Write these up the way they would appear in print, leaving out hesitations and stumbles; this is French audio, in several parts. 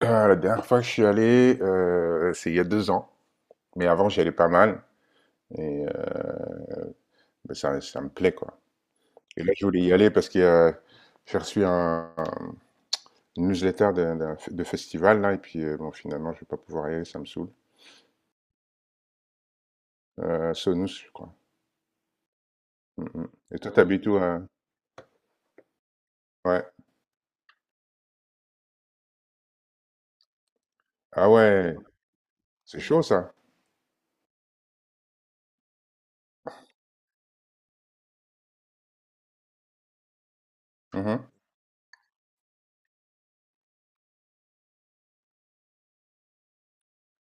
Ah, la dernière fois que je suis allé, c'est il y a 2 ans. Mais avant, j'y allais pas mal. Et bah, ça me plaît, quoi. Et là, je voulais y aller parce que j'ai reçu une newsletter de festival, là. Et puis, bon, finalement, je vais pas pouvoir y aller, ça me saoule. Sonus, je crois. Mm, mm. Et toi, t'habites où? Ouais. Ah ouais, c'est chaud, ça. Mhm,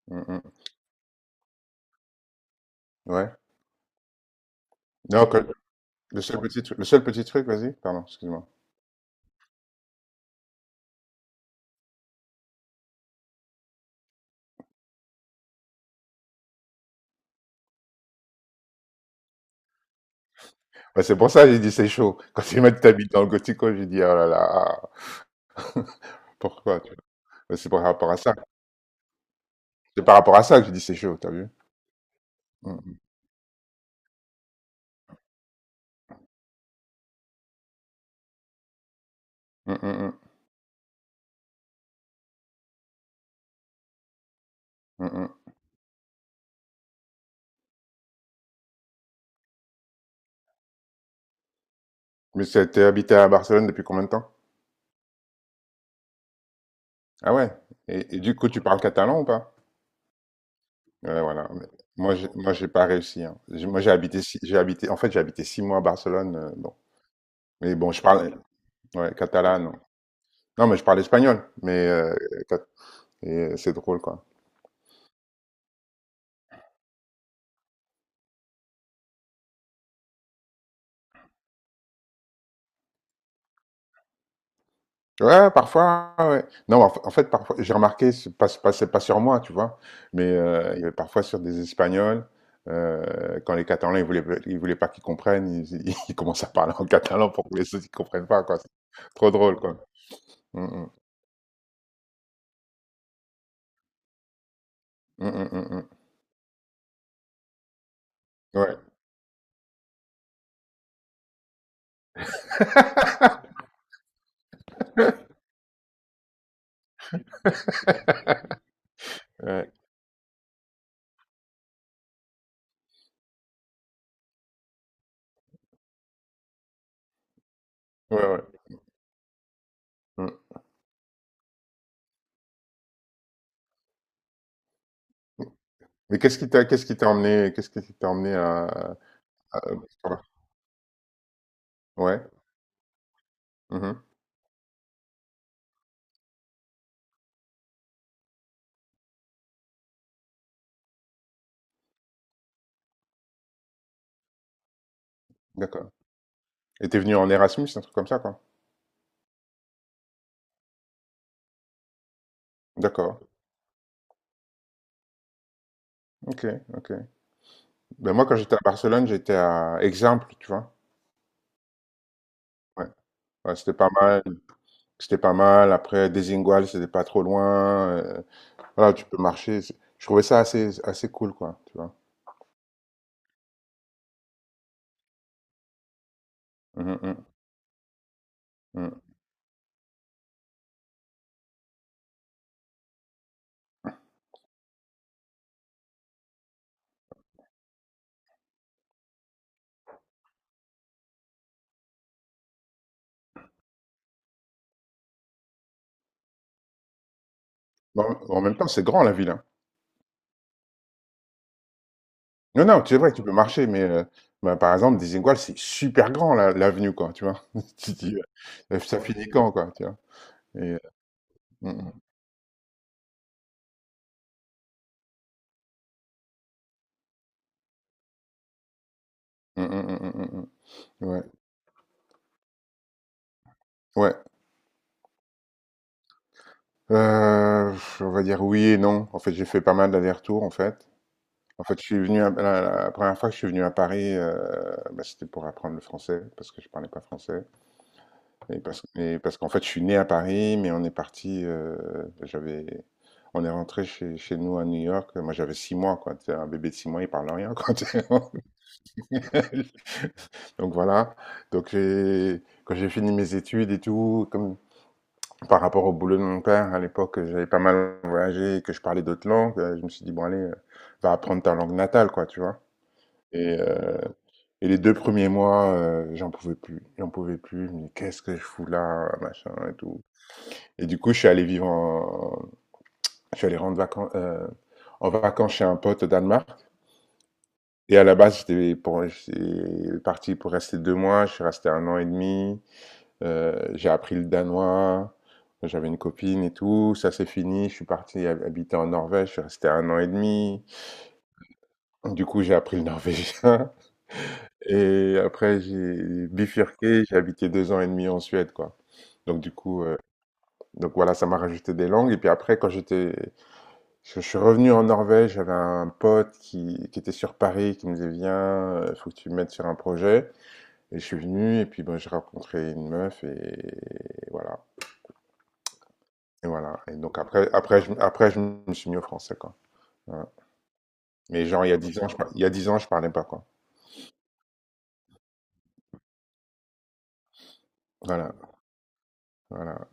mm, mm. Ouais. Non, le seul petit truc, vas-y. Pardon, excuse-moi. Bah, c'est pour ça que j'ai dit c'est chaud. Quand tu m'as dit t'habites dans le Gothico, j'ai dit, oh là là. Pourquoi tu vois? C'est par rapport à ça. C'est par rapport à ça que je dis c'est chaud, t'as vu? Mmh, mmh, mmh, mmh, mmh, mmh. Mmh. Mais t'es habité à Barcelone depuis combien de temps? Ah ouais? Et du coup, tu parles catalan ou pas? Ouais, voilà. Mais moi, j'ai pas réussi, hein. Moi, j'ai habité, six- j'ai habité, en fait, j'ai habité 6 mois à Barcelone. Bon, mais bon, je parle, ouais, catalan. Non, non, mais je parle espagnol. Mais cat- et, c'est drôle, quoi. Ouais, parfois, ouais. Ouais. Non, en fait, parfois, j'ai remarqué, c'est pas sur moi, tu vois, mais il y avait parfois sur des Espagnols, quand les Catalans, ils voulaient pas qu'ils comprennent, ils commencent à parler en catalan pour que les autres, ils comprennent pas, quoi. C'est trop drôle, quoi. Mm, mm, mm, mm, mm, mm. Ouais. Ouais, ouais, ouais. Mm. Mais qu'est-ce qui t'a emmené à- sur la- Ouais, mhm, d'accord. Et t'es venu en Erasmus, un truc comme ça, quoi. D'accord, ok, ok. Ben moi, quand j'étais à Barcelone, j'étais à Exemple, tu vois. Ouais, ouais, c'était pas mal. C'était pas mal. Après, Desigual, c'était pas trop loin. Voilà, tu peux marcher. Je trouvais ça assez cool, quoi, tu vois. Mhm, mhm, mhm. Bon, en même temps, c'est grand, la ville, hein. Non, non, c'est vrai que tu peux marcher, mais bah, par exemple, Desigual, c'est super grand, l'avenue, quoi, tu vois. Tu te dis, ça finit quand, quoi, tu vois. Et, euh, mhm, mhm, mhm, mhm, mhm. Ouais, ouais. Euh, on va dire oui et non. En fait, j'ai fait pas mal d'allers-retours, en fait. En fait, je suis venu à- la première fois que je suis venu à Paris, bah, c'était pour apprendre le français parce que je parlais pas français et parce qu'en fait, je suis né à Paris, mais on est parti. J'avais, on est rentré chez nous à New York. Moi, j'avais 6 mois, quoi. T'sais, un bébé de 6 mois, il parle rien, quoi. T'sais. Donc voilà. Donc quand j'ai fini mes études et tout, comme par rapport au boulot de mon père à l'époque, j'avais pas mal voyagé, et que je parlais d'autres langues. Je me suis dit bon allez, va apprendre ta langue natale, quoi, tu vois. Et euh, Et les deux premiers mois, j'en pouvais plus. J'en pouvais plus. Mais qu'est-ce que je fous là, machin et tout. Et du coup, je suis allé en vacances chez un pote au Danemark. Et à la base, j'étais parti pour rester 2 mois. Je suis resté 1 an et demi. J'ai appris le danois. J'avais une copine et tout. Ça s'est fini. Je suis parti habiter en Norvège. Je suis resté un an et demi. Du coup, j'ai appris le norvégien. Et après, j'ai bifurqué. J'ai habité 2 ans et demi en Suède, quoi. Donc du coup, donc voilà, ça m'a rajouté des langues. Et puis après, je suis revenu en Norvège, j'avais un pote qui était sur Paris, qui me disait viens, faut que tu me mettes sur un projet. Et je suis venu, et puis ben, j'ai rencontré une meuf, et voilà, et voilà. Et donc après, je me suis mis au français, quoi. Voilà. Mais genre il y a 10 ans, je parlais pas, quoi. Voilà, voilà.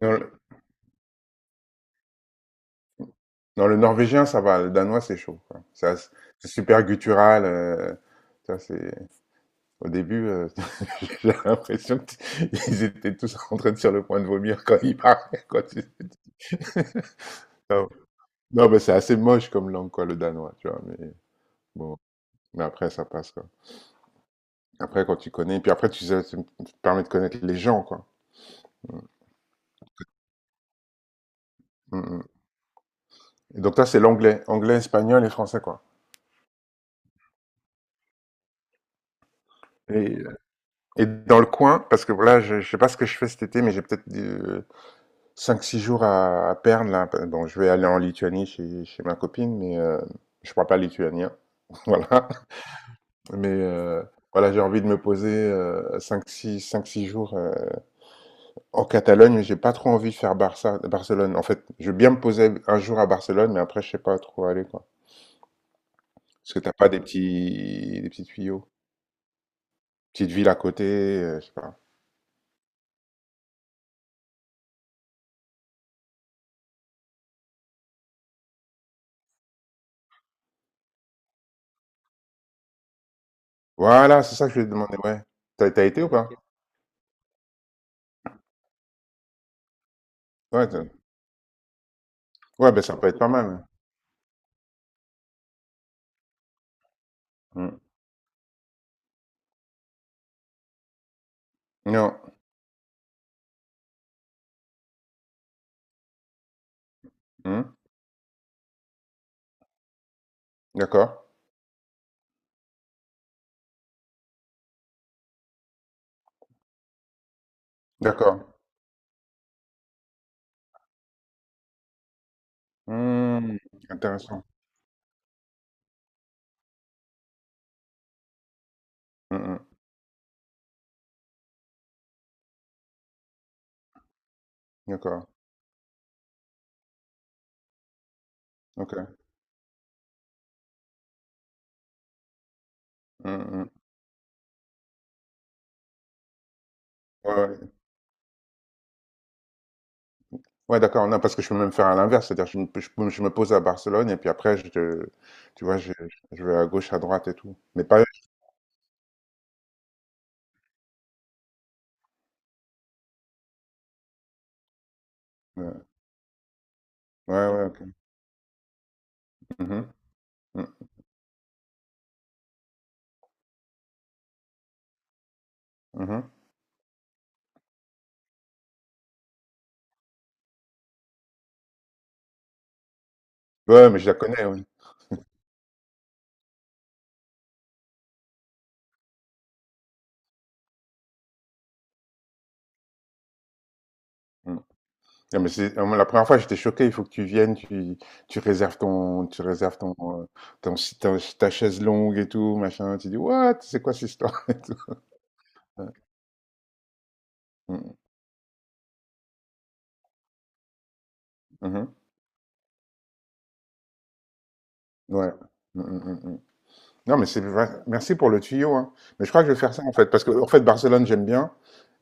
Non, non, le norvégien, ça va. Le danois, c'est chaud, quoi. Ça, c'est super guttural. Ça, c'est au début. J'ai l'impression qu'ils étaient tous en train de sur le point de vomir quand ils parlaient, quoi, tu sais. Non, non, mais c'est assez moche comme langue, quoi, le danois, tu vois. Mais bon, mais après, ça passe, quoi. Après, quand tu connais, puis après, tu sais, ça te permet de connaître les gens, quoi. Mm, mm. Et donc, toi, c'est l'anglais, anglais, espagnol et français, quoi. Et, euh, et dans le coin, parce que voilà, je sais pas ce que je fais cet été, mais j'ai peut-être 5-6 jours à perdre, là. Bon, je vais aller en Lituanie chez ma copine, mais je parle pas lituanien, voilà. Mais voilà, j'ai envie de me poser 5-6 jours en Catalogne, mais j'ai pas trop envie de faire Barça, Barcelone. En fait, je veux bien me poser un jour à Barcelone, mais après, je sais pas trop où aller, quoi. Parce que t'as pas des petits tuyaux. Petite ville à côté, je sais pas. Voilà, c'est ça que je vais te demander, ouais. T'as été ou pas? Ok. Ouais, ouais, ben ça peut être pas mal. Hmm. Non. Hmm. D'accord. D'accord. Hmm. Intéressant. Hmm, hmm. D'accord. Ok. Hmm, hmm. Ouais, ouais. Ouais, d'accord. Non, parce que je peux même faire à l'inverse. C'est-à-dire, je me pose à Barcelone et puis après, tu vois, je vais à gauche, à droite et tout. Mais pas eux. euh, Ouais, ouais, ok. Mhm, mhm, mhm. Ouais, mais je la connais, oui. Mm. Non, mais moi, la première fois, j'étais choqué. Il faut que tu viennes, tu réserves euh, ta chaise longue et tout, machin. Tu dis, what? C'est quoi cette histoire? Et tout. Ouais. Mm, mhm. Ouais. Mm, mm, mm, mm. Non, mais c'est vrai. Merci pour le tuyau, hein. Mais je crois que je vais faire ça en fait, parce que en fait Barcelone j'aime bien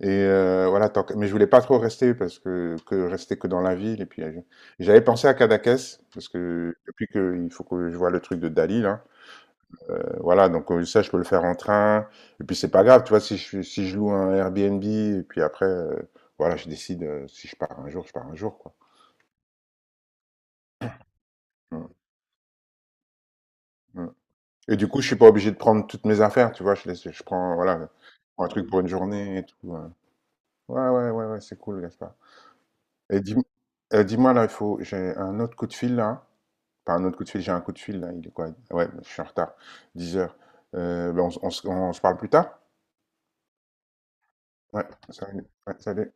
et voilà. Mais je voulais pas trop rester parce que rester que dans la ville et puis j'avais pensé à Cadaqués parce que depuis que il faut que je vois le truc de Dali là. Voilà. Donc ça je peux le faire en train et puis c'est pas grave, tu vois. Si je loue un Airbnb et puis après voilà, je décide si je pars un jour, je pars un jour, quoi. Mm, mm. Et du coup je suis pas obligé de prendre toutes mes affaires, tu vois. Je prends, voilà, je prends un truc pour une journée et tout, hein. Ouais, ouais, ouais, ouais, c'est cool, Gaspard. Et dis-moi, là, j'ai un autre coup de fil, là. Pas un autre coup de fil, j'ai un coup de fil, là. Il est quoi? Ouais, je suis en retard. 10h. Ben, on se parle plus tard? Ouais, salut. Ouais, salut.